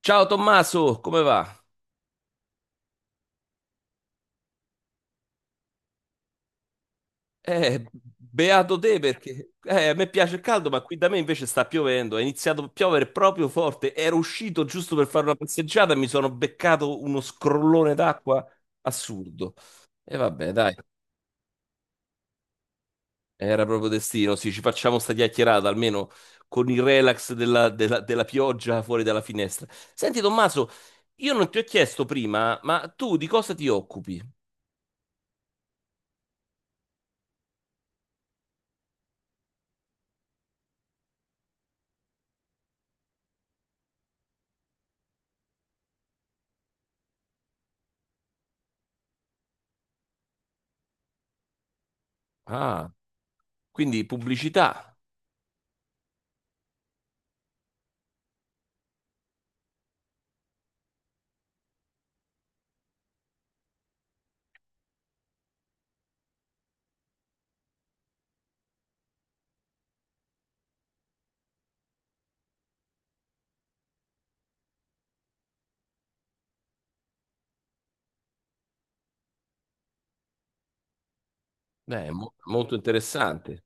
Ciao Tommaso, come va? Eh, beato te perché a me piace il caldo, ma qui da me invece sta piovendo. È iniziato a piovere proprio forte. Ero uscito giusto per fare una passeggiata e mi sono beccato uno scrollone d'acqua assurdo. E vabbè, dai, era proprio destino. Sì, ci facciamo sta chiacchierata almeno con il relax della pioggia fuori dalla finestra. Senti Tommaso, io non ti ho chiesto prima, ma tu di cosa ti occupi? Ah, quindi pubblicità. Beh, è molto interessante.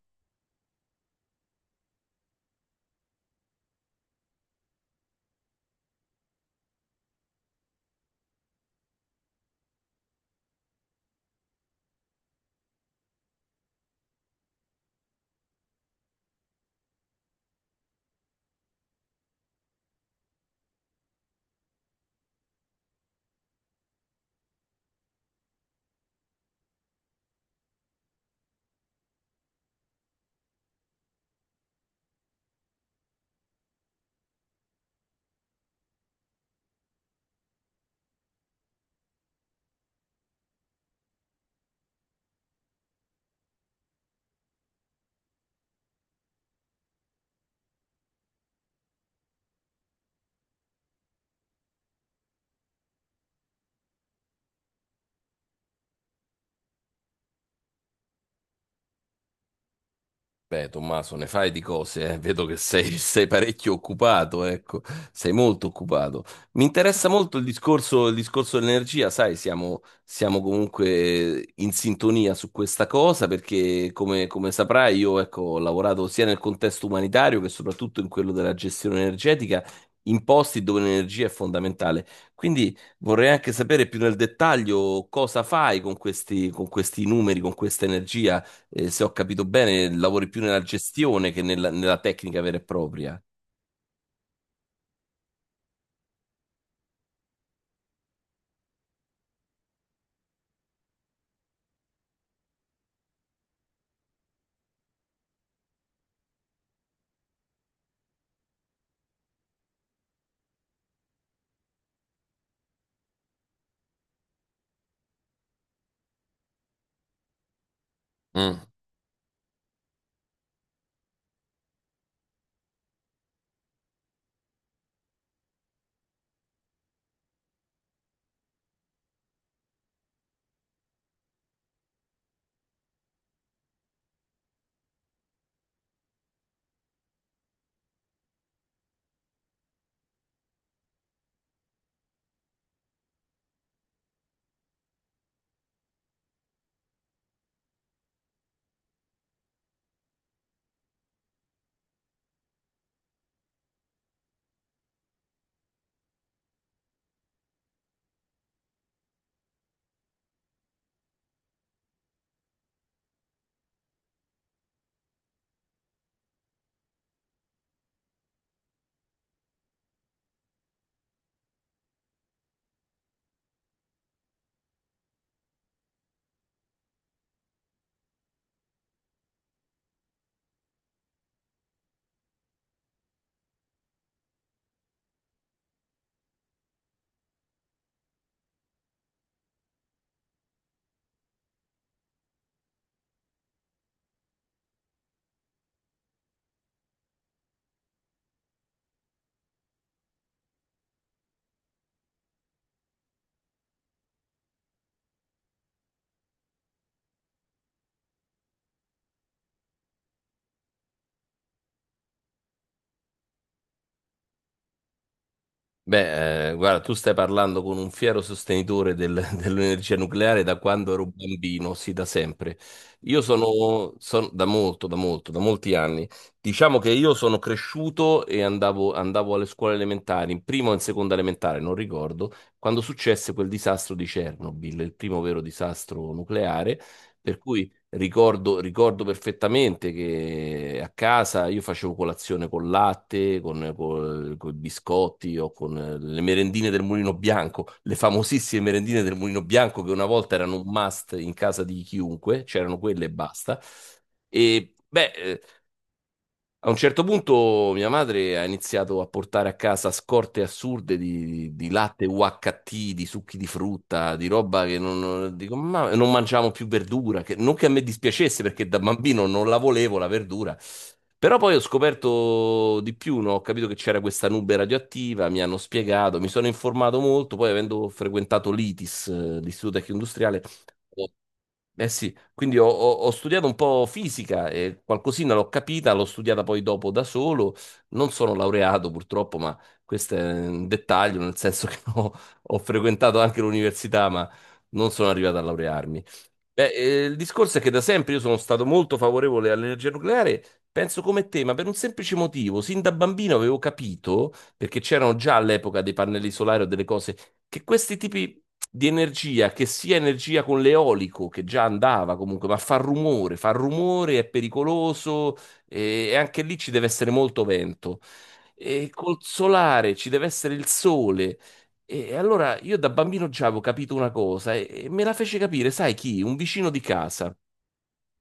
Beh, Tommaso, ne fai di cose, eh. Vedo che sei parecchio occupato, ecco, sei molto occupato. Mi interessa molto il discorso dell'energia, sai, siamo comunque in sintonia su questa cosa perché, come saprai, io ecco, ho lavorato sia nel contesto umanitario che soprattutto in quello della gestione energetica, in posti dove l'energia è fondamentale. Quindi vorrei anche sapere più nel dettaglio cosa fai con questi numeri, con questa energia se ho capito bene, lavori più nella gestione che nella tecnica vera e propria. Mm. Beh, guarda, tu stai parlando con un fiero sostenitore dell'energia nucleare da quando ero bambino, sì, da sempre. Io da molti anni. Diciamo che io sono cresciuto e andavo alle scuole elementari, in prima o in seconda elementare, non ricordo, quando successe quel disastro di Chernobyl, il primo vero disastro nucleare. Per cui ricordo perfettamente che a casa io facevo colazione con latte, con i biscotti o con le merendine del Mulino Bianco, le famosissime merendine del Mulino Bianco che una volta erano un must in casa di chiunque, c'erano quelle e basta. E beh, a un certo punto mia madre ha iniziato a portare a casa scorte assurde di latte UHT, di succhi di frutta, di roba che dico, ma non mangiamo più verdura, che, non che a me dispiacesse perché da bambino non la volevo la verdura, però poi ho scoperto di più, no? Ho capito che c'era questa nube radioattiva, mi hanno spiegato, mi sono informato molto, poi avendo frequentato l'ITIS, l'Istituto Tecnico Industriale, eh sì, quindi ho studiato un po' fisica e qualcosina l'ho capita, l'ho studiata poi dopo da solo. Non sono laureato purtroppo, ma questo è un dettaglio, nel senso che ho frequentato anche l'università, ma non sono arrivato a laurearmi. Beh, il discorso è che da sempre io sono stato molto favorevole all'energia nucleare, penso come te, ma per un semplice motivo. Sin da bambino avevo capito, perché c'erano già all'epoca dei pannelli solari o delle cose, che questi tipi di energia che sia energia con l'eolico, che già andava comunque, ma fa rumore, è pericoloso e anche lì ci deve essere molto vento. E col solare ci deve essere il sole. E allora io da bambino già avevo capito una cosa e me la fece capire, sai chi? Un vicino di casa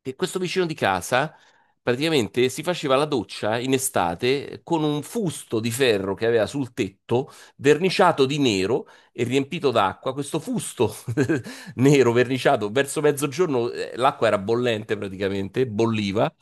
che questo vicino di casa praticamente si faceva la doccia in estate con un fusto di ferro che aveva sul tetto, verniciato di nero e riempito d'acqua. Questo fusto nero verniciato verso mezzogiorno, l'acqua era bollente praticamente, bolliva.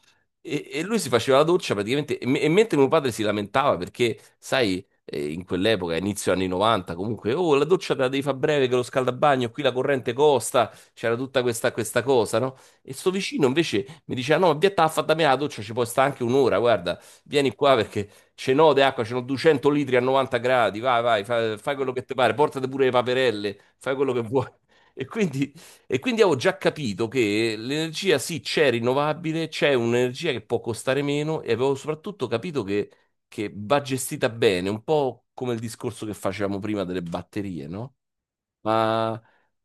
E lui si faceva la doccia praticamente, e mentre mio padre si lamentava perché, sai, in quell'epoca, inizio anni 90, comunque, oh, la doccia te la devi fare breve che lo scaldabagno, qui la corrente costa, c'era tutta questa cosa, no? E sto vicino invece mi diceva: No, ma via, t'ha fatta me la doccia, ci può sta anche un'ora. Guarda, vieni qua perché ce n'ho di acqua, ce n'ho 200 litri a 90 gradi. Vai, vai, fai, quello che ti pare, portate pure le paperelle, fai quello che vuoi. E quindi, e quindi avevo già capito che l'energia sì c'è rinnovabile, c'è un'energia che può costare meno e avevo soprattutto capito che, va gestita bene, un po' come il discorso che facevamo prima delle batterie, no? Ma,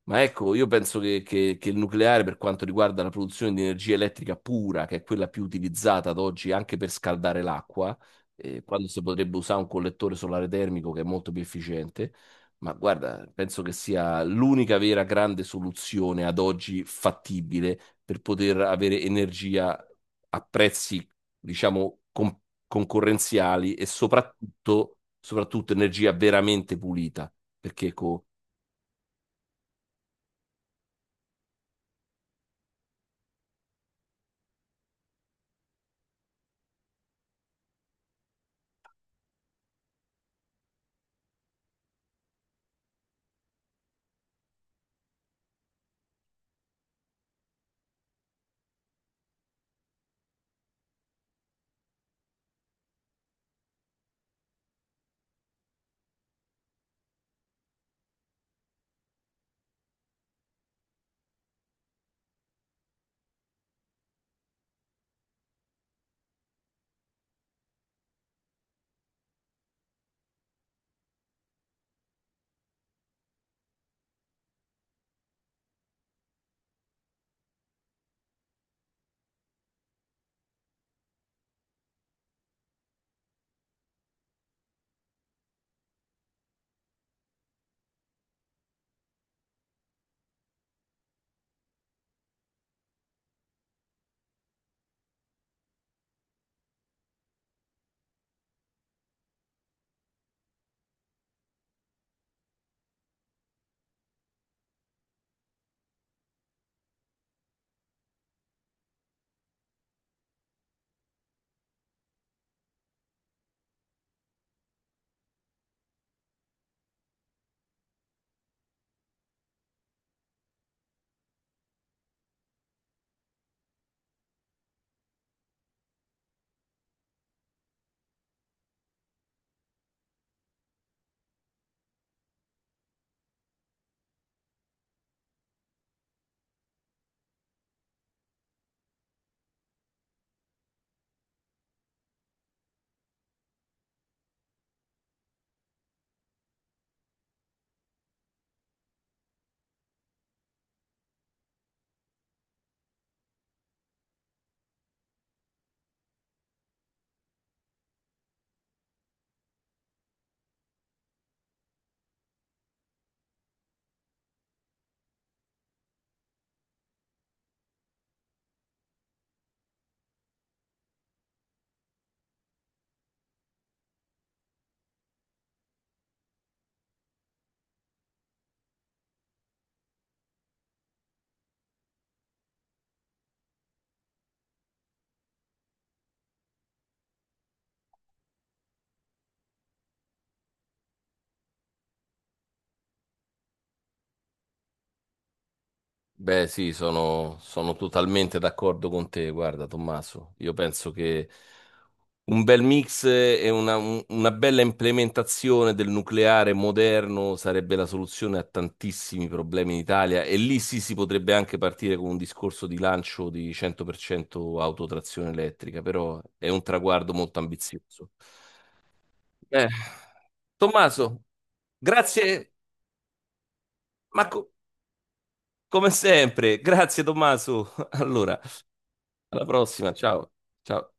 ma ecco, io penso che il nucleare, per quanto riguarda la produzione di energia elettrica pura, che è quella più utilizzata ad oggi anche per scaldare l'acqua, quando si potrebbe usare un collettore solare termico che è molto più efficiente, ma guarda, penso che sia l'unica vera grande soluzione ad oggi fattibile per poter avere energia a prezzi, diciamo, concorrenziali e soprattutto energia veramente pulita. Perché co- Beh, sì, sono totalmente d'accordo con te, guarda, Tommaso. Io penso che un bel mix e una bella implementazione del nucleare moderno sarebbe la soluzione a tantissimi problemi in Italia e lì sì si potrebbe anche partire con un discorso di lancio di 100% autotrazione elettrica, però è un traguardo molto ambizioso. Eh, Tommaso, grazie, ma co- come sempre, grazie Tommaso. Allora. Alla prossima, ciao. Ciao.